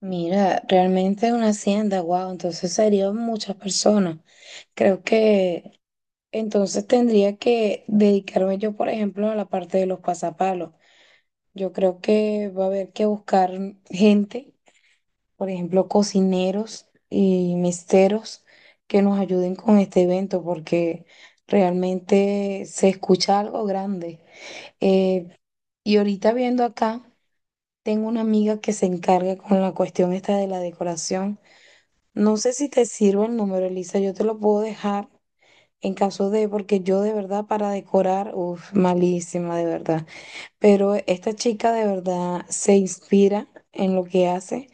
Mira, realmente es una hacienda, wow, entonces serían muchas personas. Creo que entonces tendría que dedicarme yo, por ejemplo, a la parte de los pasapalos. Yo creo que va a haber que buscar gente, por ejemplo, cocineros y misteros que nos ayuden con este evento, porque realmente se escucha algo grande. Eh, y ahorita viendo acá, tengo una amiga que se encarga con la cuestión esta de la decoración. No sé si te sirve el número, Elisa. Yo te lo puedo dejar en caso de, porque yo de verdad para decorar, uff, malísima de verdad. Pero esta chica de verdad se inspira en lo que hace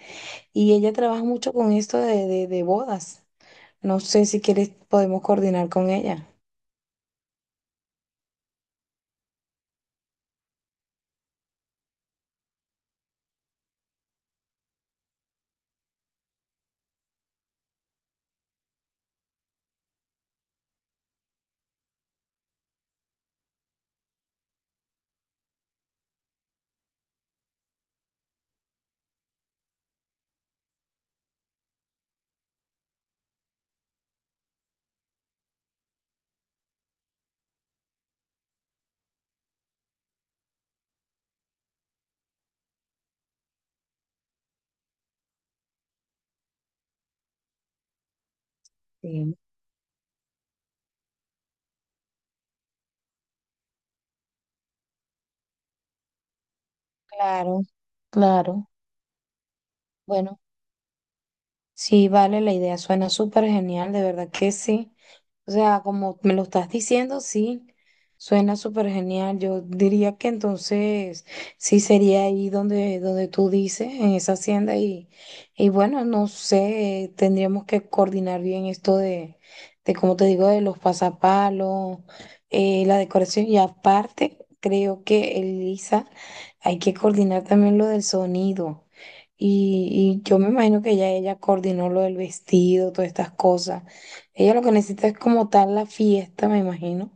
y ella trabaja mucho con esto de bodas. No sé si quieres, podemos coordinar con ella. Sí, claro, claro. Bueno. Sí, vale, la idea suena súper genial, de verdad que sí. O sea, como me lo estás diciendo, sí, suena súper genial. Yo diría que entonces sí sería ahí donde tú dices, en esa hacienda. Y bueno, no sé, tendríamos que coordinar bien esto de como te digo, de los pasapalos, la decoración. Y aparte, creo que, Elisa, hay que coordinar también lo del sonido. Y yo me imagino que ya ella coordinó lo del vestido, todas estas cosas. Ella lo que necesita es como tal la fiesta, me imagino.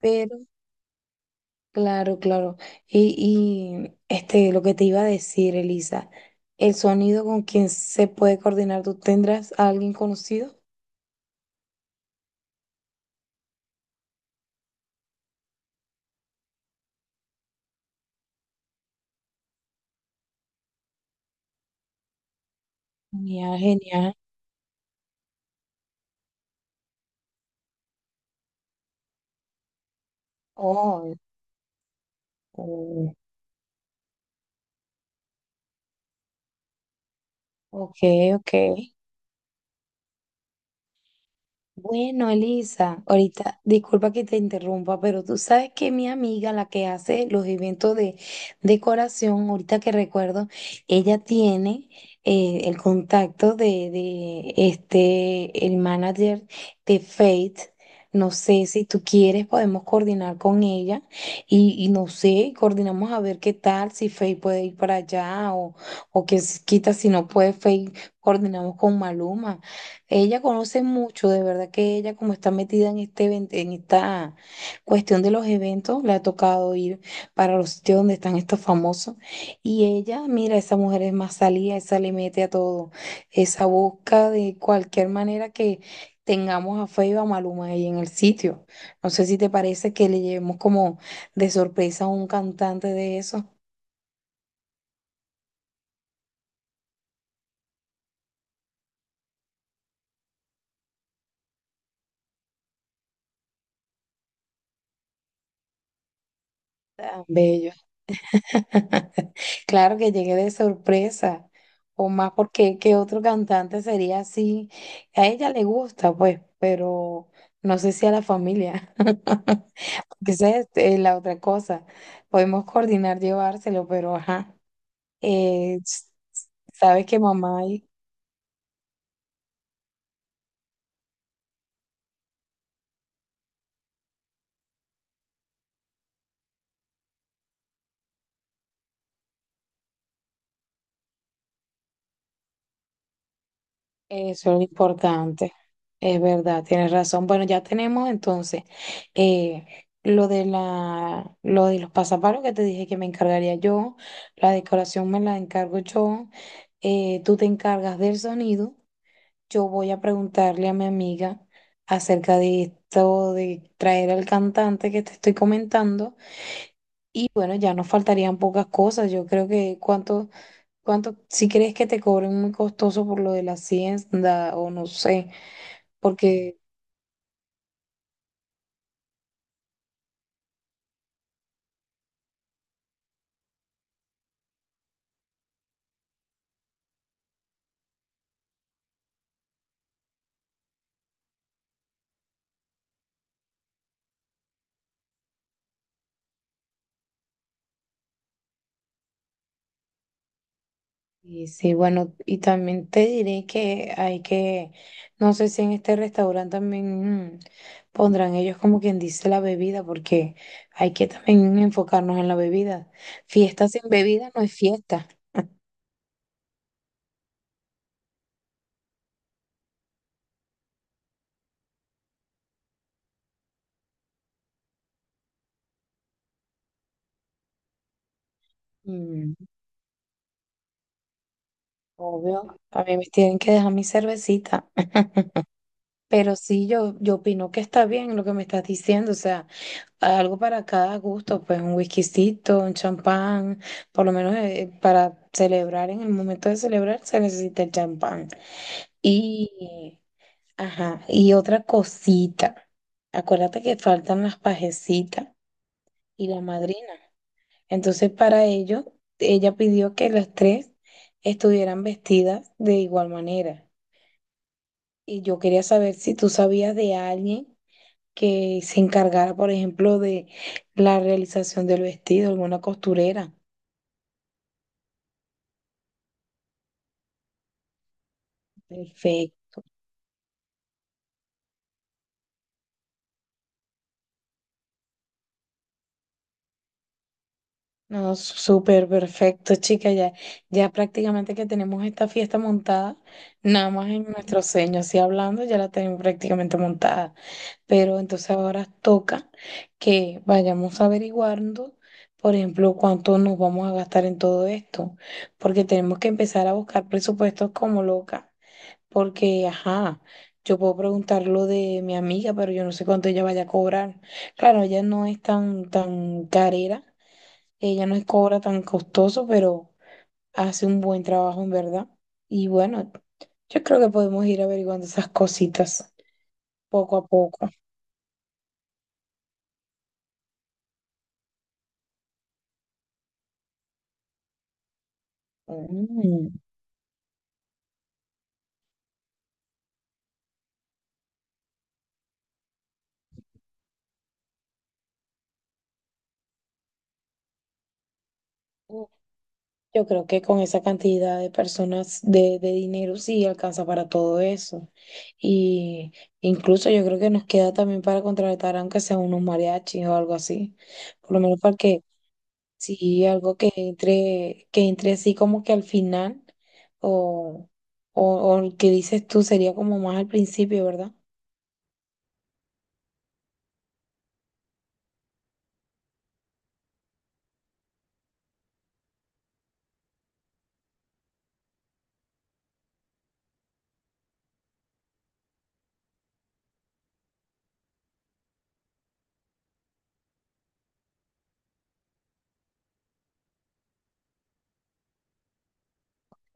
Pero, claro, claro. Y, y este, lo que te iba a decir, Elisa, el sonido con quien se puede coordinar, ¿tú tendrás a alguien conocido? Genial, genial. Oh, eh, ok, ok. Bueno, Elisa, ahorita, disculpa que te interrumpa, pero tú sabes que mi amiga, la que hace los eventos de decoración, ahorita que recuerdo, ella tiene el contacto de este, el manager de Faith. No sé si tú quieres, podemos coordinar con ella y no sé, coordinamos a ver qué tal, si Faith puede ir para allá o que quita si no puede Faith, coordinamos con Maluma. Ella conoce mucho, de verdad que ella como está metida en en esta cuestión de los eventos, le ha tocado ir para los sitios donde están estos famosos y ella, mira, esa mujer es más salida, esa le mete a todo, esa busca de cualquier manera que tengamos a Feiba a Maluma ahí en el sitio. No sé si te parece que le llevemos como de sorpresa a un cantante de esos tan bellos. Claro que llegué de sorpresa, o más porque qué otro cantante sería así. A ella le gusta, pues, pero no sé si a la familia. Que esa es la otra cosa. Podemos coordinar llevárselo, pero ajá. Eh, s- sabes que mamá. Eso es lo importante, es verdad, tienes razón. Bueno, ya tenemos entonces eh, lo de la, lo de los pasapalos que te dije que me encargaría yo, la decoración me la encargo yo, tú te encargas del sonido, yo voy a preguntarle a mi amiga acerca de esto, de traer al cantante que te estoy comentando, y bueno, ya nos faltarían pocas cosas, yo creo que cuánto, cuánto, si crees que te cobren muy costoso por lo de la hacienda o no sé. Porque, y sí, bueno, y también te diré que hay que, no sé si en este restaurante también pondrán ellos como quien dice la bebida, porque hay que también enfocarnos en la bebida. Fiesta sin bebida no es fiesta. Mm, obvio, a mí me tienen que dejar mi cervecita. Pero sí, yo opino que está bien lo que me estás diciendo, o sea. Algo para cada gusto, pues un whiskycito, un champán, por lo menos para celebrar, en el momento de celebrar se necesita el champán. Y, ajá, y otra cosita, acuérdate que faltan las pajecitas y la madrina. Entonces para ello, ella pidió que las tres estuvieran vestidas de igual manera. Y yo quería saber si tú sabías de alguien que se encargara, por ejemplo, de la realización del vestido, alguna costurera. Perfecto. No, súper perfecto, chica. Ya, ya prácticamente que tenemos esta fiesta montada, nada más en nuestros sueños y hablando, ya la tenemos prácticamente montada. Pero entonces ahora toca que vayamos averiguando, por ejemplo, cuánto nos vamos a gastar en todo esto, porque tenemos que empezar a buscar presupuestos como loca. Porque, ajá, yo puedo preguntar lo de mi amiga, pero yo no sé cuánto ella vaya a cobrar. Claro, ella no es tan carera, ella no es cobra tan costoso, pero hace un buen trabajo en verdad. Y bueno, yo creo que podemos ir averiguando esas cositas poco a poco. Mm. Yo creo que con esa cantidad de personas, de dinero, sí alcanza para todo eso. Y incluso yo creo que nos queda también para contratar, aunque sea unos mariachis o algo así. Por lo menos para que, sí, algo que entre así como que al final, o, o el que dices tú sería como más al principio, ¿verdad?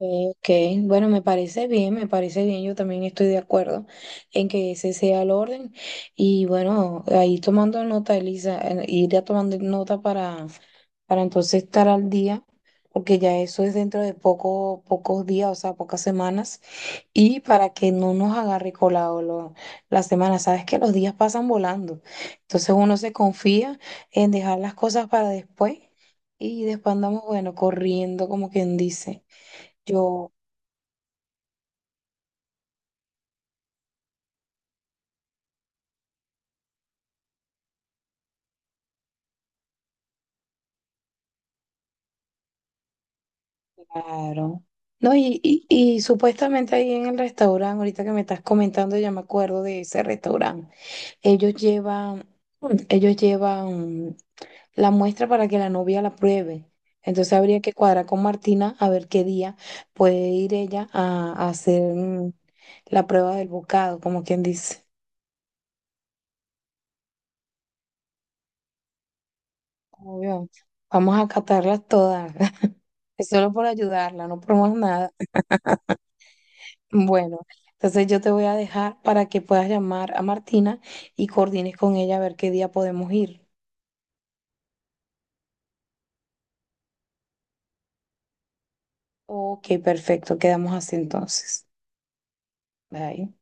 Ok, bueno, me parece bien, yo también estoy de acuerdo en que ese sea el orden y bueno, ahí tomando nota, Elisa, ir ya tomando nota para entonces estar al día, porque ya eso es dentro de poco, pocos días, o sea, pocas semanas, y para que no nos agarre colado la semana, sabes que los días pasan volando, entonces uno se confía en dejar las cosas para después y después andamos, bueno, corriendo como quien dice. Yo. Claro. No, y supuestamente ahí en el restaurante, ahorita que me estás comentando, ya me acuerdo de ese restaurante. Ellos llevan, ellos llevan la muestra para que la novia la pruebe. Entonces habría que cuadrar con Martina a ver qué día puede ir ella a hacer la prueba del bocado, como quien dice. Obvio, vamos a catarlas todas, es solo por ayudarla, no por más nada. Bueno, entonces yo te voy a dejar para que puedas llamar a Martina y coordines con ella a ver qué día podemos ir. Ok, perfecto, quedamos así entonces. Bye.